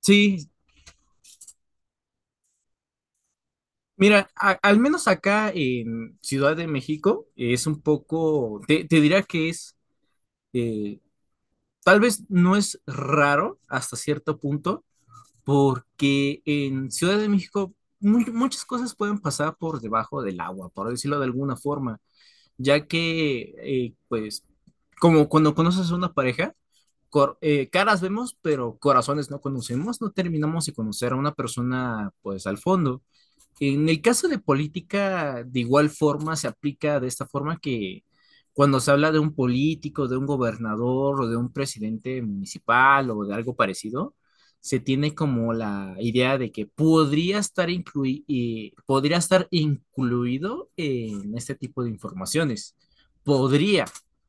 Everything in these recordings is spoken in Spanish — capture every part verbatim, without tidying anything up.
Sí, mira, a- al menos acá en Ciudad de México eh, es un poco, te, te diría que es, eh, tal vez no es raro hasta cierto punto, porque en Ciudad de México mu- muchas cosas pueden pasar por debajo del agua, por decirlo de alguna forma. Ya que, eh, pues, como cuando conoces a una pareja, cor- eh, caras vemos, pero corazones no conocemos, no terminamos de conocer a una persona, pues, al fondo. En el caso de política, de igual forma, se aplica de esta forma que cuando se habla de un político, de un gobernador o de un presidente municipal o de algo parecido, se tiene como la idea de que podría estar, inclui- eh, podría estar incluido en este tipo de informaciones. Podría,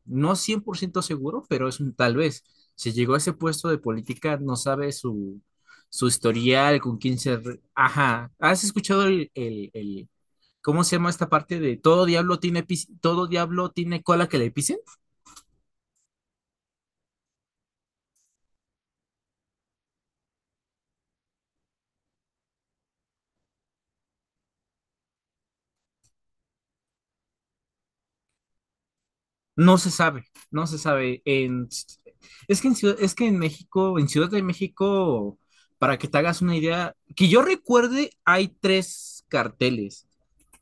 no cien por ciento seguro, pero es un tal vez. Si llegó a ese puesto de política, no sabe su, su historial, con quién se... re- Ajá, ¿has escuchado el, el, el- ¿cómo se llama esta parte de todo diablo tiene, pis- todo diablo tiene cola que le pise? No se sabe, no se sabe. En, es que en, Ciudad- es que en México, en Ciudad de México, para que te hagas una idea, que yo recuerde, hay tres carteles.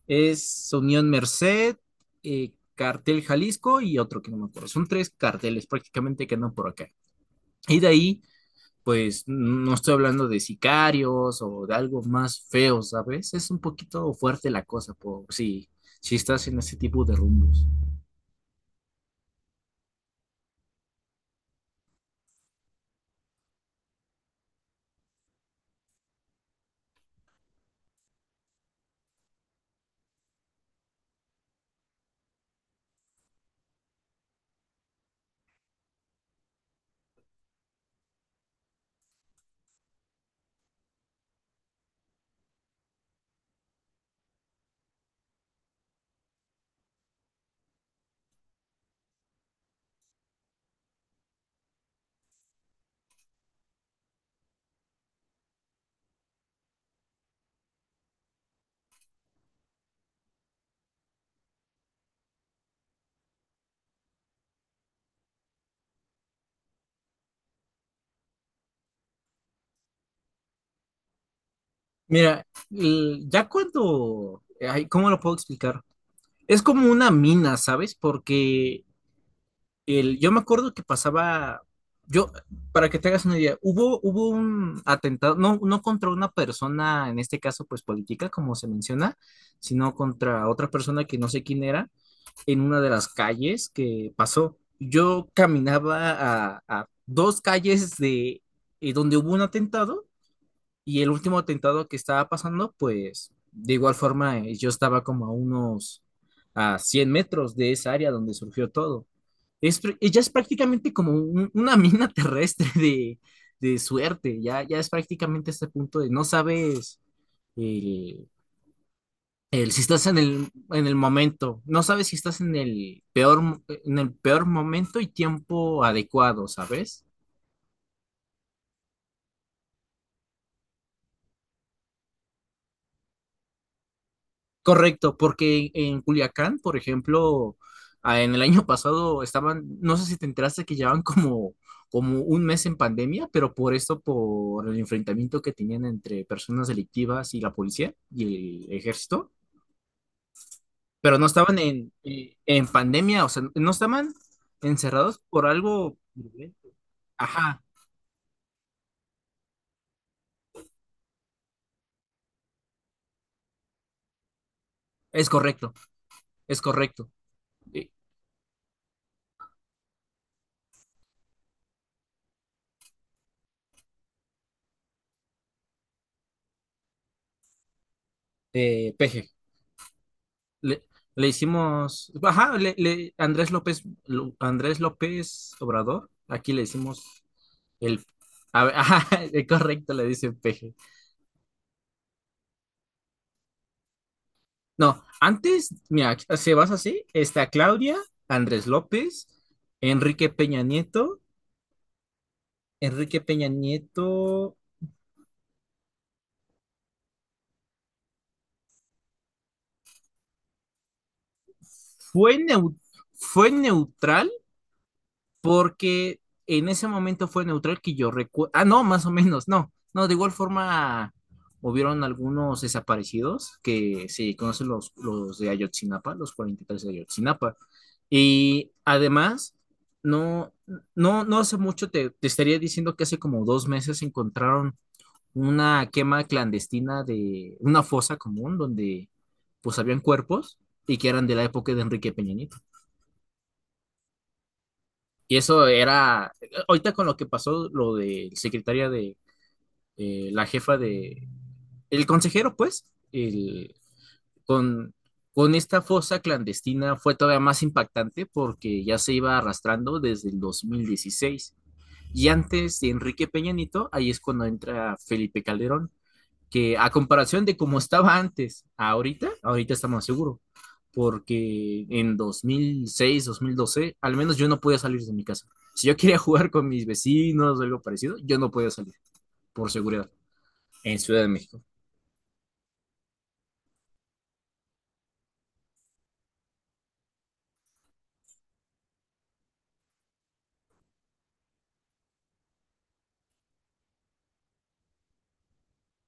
Es Unión Merced, eh, Cartel Jalisco y otro que no me acuerdo. Son tres carteles prácticamente que andan por acá. Y de ahí, pues no estoy hablando de sicarios o de algo más feo, ¿sabes? Es un poquito fuerte la cosa, por si, si estás en ese tipo de rumbos. Mira, el- ya cuando, ay, ¿cómo lo puedo explicar? Es como una mina, ¿sabes? Porque el, yo me acuerdo que pasaba, yo, para que te hagas una idea, hubo, hubo un atentado, no, no contra una persona, en este caso, pues política, como se menciona, sino contra otra persona que no sé quién era, en una de las calles que pasó. Yo caminaba a, a dos calles de eh, donde hubo un atentado y el último atentado que estaba pasando, pues de igual forma eh, yo estaba como a unos a cien metros de esa área donde surgió todo. Es, pr- ya es prácticamente como un- una mina terrestre de, de suerte, ya, ya es prácticamente este punto de no sabes el, el- si estás en el, en el momento, no sabes si estás en el peor, mo- en el peor momento y tiempo adecuado, ¿sabes? Correcto, porque en Culiacán, por ejemplo, ah, en el año pasado estaban, no sé si te enteraste que llevaban como, como un mes en pandemia, pero por esto, por el enfrentamiento que tenían entre personas delictivas y la policía y el ejército, pero no estaban en, eh, en pandemia, o sea, no estaban encerrados por algo. Ajá, es correcto, es correcto. Eh, eh, P G. Le, le hicimos, ajá, le, le- Andrés López, Lo- Andrés López Obrador, aquí le hicimos el, a ver, ajá, correcto, le dice peje. No, antes, mira, si vas así, está Claudia, Andrés López, Enrique Peña Nieto, Enrique Peña Nieto fue, neu- fue neutral porque en ese momento fue neutral que yo recuerdo. Ah, no, más o menos, no. No, de igual forma hubieron algunos desaparecidos que se conocen los, los de Ayotzinapa, los cuarenta y tres de Ayotzinapa. Y además, no, no, no hace mucho te, te estaría diciendo que hace como dos meses encontraron una quema clandestina de una fosa común donde pues habían cuerpos y que eran de la época de Enrique Peña Nieto. Y eso era, ahorita con lo que pasó, lo de secretaria de eh, la jefa de, el consejero, pues, el, con, con esta fosa clandestina fue todavía más impactante porque ya se iba arrastrando desde el dos mil dieciséis. Y antes de Enrique Peña Nieto, ahí es cuando entra Felipe Calderón, que a comparación de cómo estaba antes, ahorita, ahorita está más seguro, porque en dos dos mil seis dos mil doce al menos yo no podía salir de mi casa. Si yo quería jugar con mis vecinos o algo parecido, yo no podía salir, por seguridad, en Ciudad de México.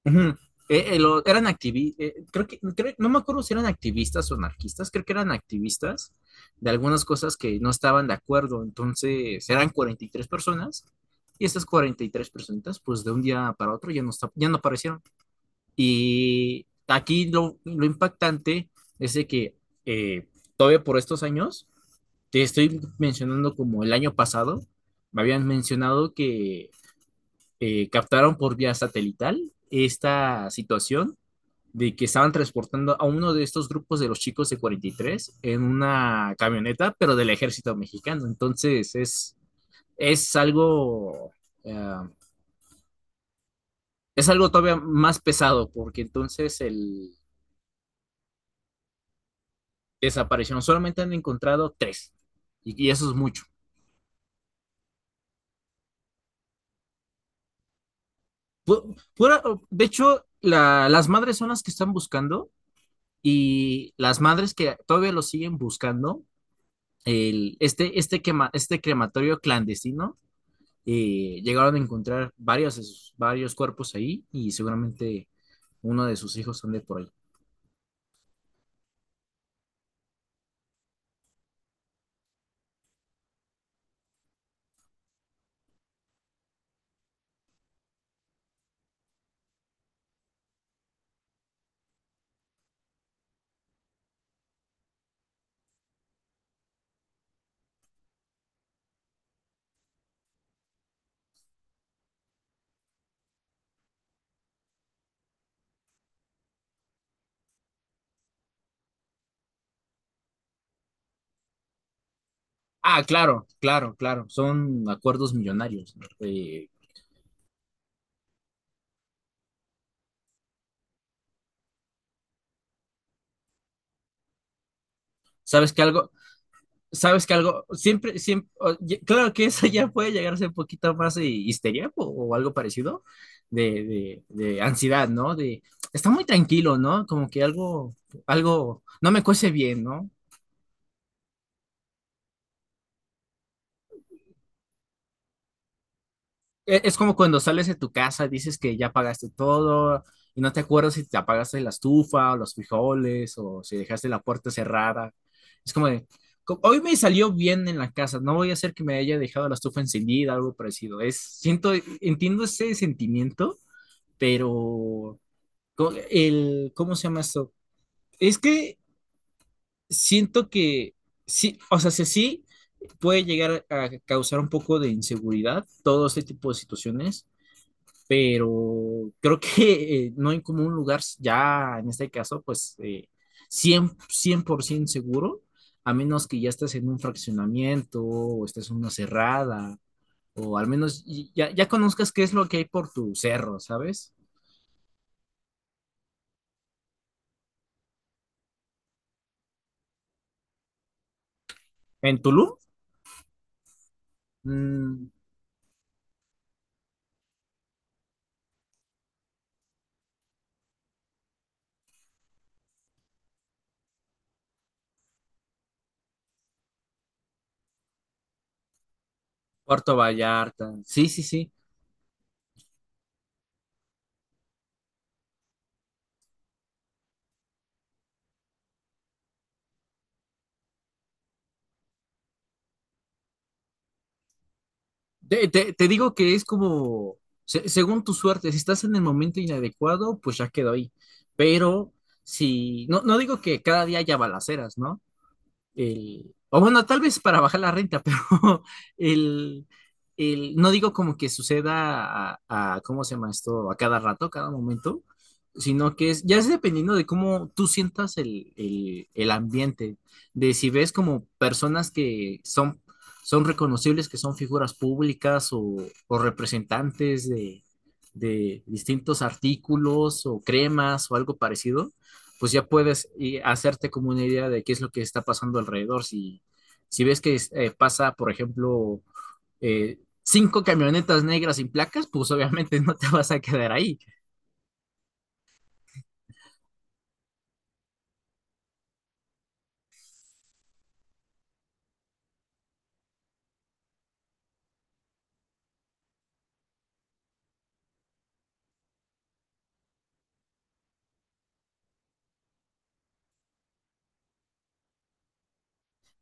Ujú. Eh, eh, lo- eran activistas, creo que, creo- no me acuerdo si eran activistas o anarquistas, creo que eran activistas de algunas cosas que no estaban de acuerdo, entonces eran cuarenta y tres personas y estas cuarenta y tres personas, pues de un día para otro ya no, está- ya no aparecieron. Y aquí lo, lo impactante es de que eh, todavía por estos años, te estoy mencionando como el año pasado, me habían mencionado que eh, captaron por vía satelital esta situación de que estaban transportando a uno de estos grupos de los chicos de cuarenta y tres en una camioneta, pero del ejército mexicano. Entonces es, es algo, eh, es algo todavía más pesado, porque entonces el, desaparecieron. Solamente han encontrado tres. Y, y eso es mucho. Pu- pura- de hecho, la- las madres son las que están buscando y las madres que todavía lo siguen buscando, el, este, este, quema- este crematorio clandestino, eh, llegaron a encontrar varios, varios cuerpos ahí y seguramente uno de sus hijos ande por ahí. Ah, claro, claro, claro. Son acuerdos millonarios. ¿No? Eh, ¿sabes que algo, sabes que algo, siempre, siempre, o- ye- claro que eso ya puede llegar a ser un poquito más de histeria o, o algo parecido de, de, de ansiedad, ¿no? De, está muy tranquilo, ¿no? Como que algo, algo, no me cuece bien, ¿no? e- Es como cuando sales de tu casa, dices que ya pagaste todo y no te acuerdas si te apagaste la estufa o los frijoles o si dejaste la puerta cerrada. Es como de, "Co- hoy me salió bien en la casa, no voy a hacer que me haya dejado la estufa encendida, algo parecido. Es, siento, entiendo ese sentimiento, pero co- el, ¿cómo se llama esto? Es que siento que sí, o sea, si sí puede llegar a causar un poco de inseguridad todo este tipo de situaciones pero creo que eh, no hay como un lugar ya, en este caso, pues eh, cien, cien por cien seguro, a menos que ya estés en un fraccionamiento o estés en una cerrada, o al menos y- ya, ya conozcas qué es lo que hay por tu cerro, ¿sabes? En Tulum, mm, Puerto Vallarta, sí, sí, sí. Te, te- te digo que es como, se- según tu suerte, si estás en el momento inadecuado, pues ya quedó ahí. Pero si, no, no digo que cada día haya balaceras, ¿no? el, o bueno, tal vez para bajar la renta, pero el, el- no digo como que suceda a, a- ¿cómo se llama esto? A cada rato, a cada momento, sino que es, ya es dependiendo de cómo tú sientas el, el- el ambiente, de si ves como personas que son, son reconocibles, que son figuras públicas o, o representantes de, de distintos artículos o cremas o algo parecido pues ya puedes eh, hacerte como una idea de qué es lo que está pasando alrededor. Si, si ves que eh, pasa, por ejemplo, eh, cinco camionetas negras sin placas, pues obviamente no te vas a quedar ahí.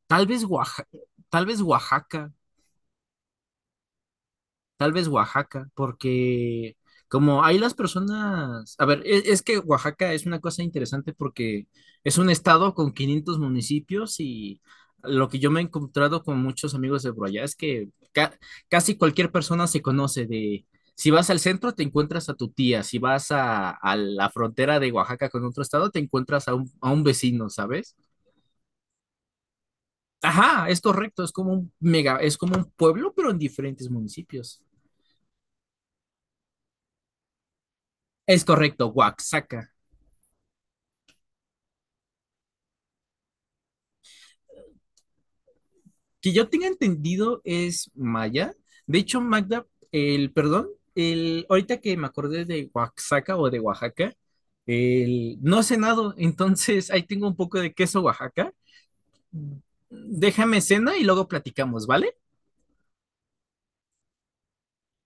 Tal vez Oaxaca, tal vez Oaxaca. Tal vez Oaxaca, porque como ahí las personas, a ver, e- es, que Oaxaca es una cosa interesante porque es un estado con quinientos municipios y lo que yo me he encontrado con muchos amigos de por allá es que ca- casi cualquier persona se conoce de, si vas al centro te encuentras a tu tía, si vas a, a la frontera de Oaxaca con otro estado te encuentras a un, a un vecino, ¿sabes? Ajá, es correcto, es como un mega, es como un pueblo, pero en diferentes municipios. Es correcto, Oaxaca. Que yo tenga entendido es maya. De hecho, Magda, el perdón, el, ahorita que me acordé de Oaxaca o de Oaxaca, el, no he cenado, entonces ahí tengo un poco de queso Oaxaca. Déjame cena y luego platicamos, ¿vale?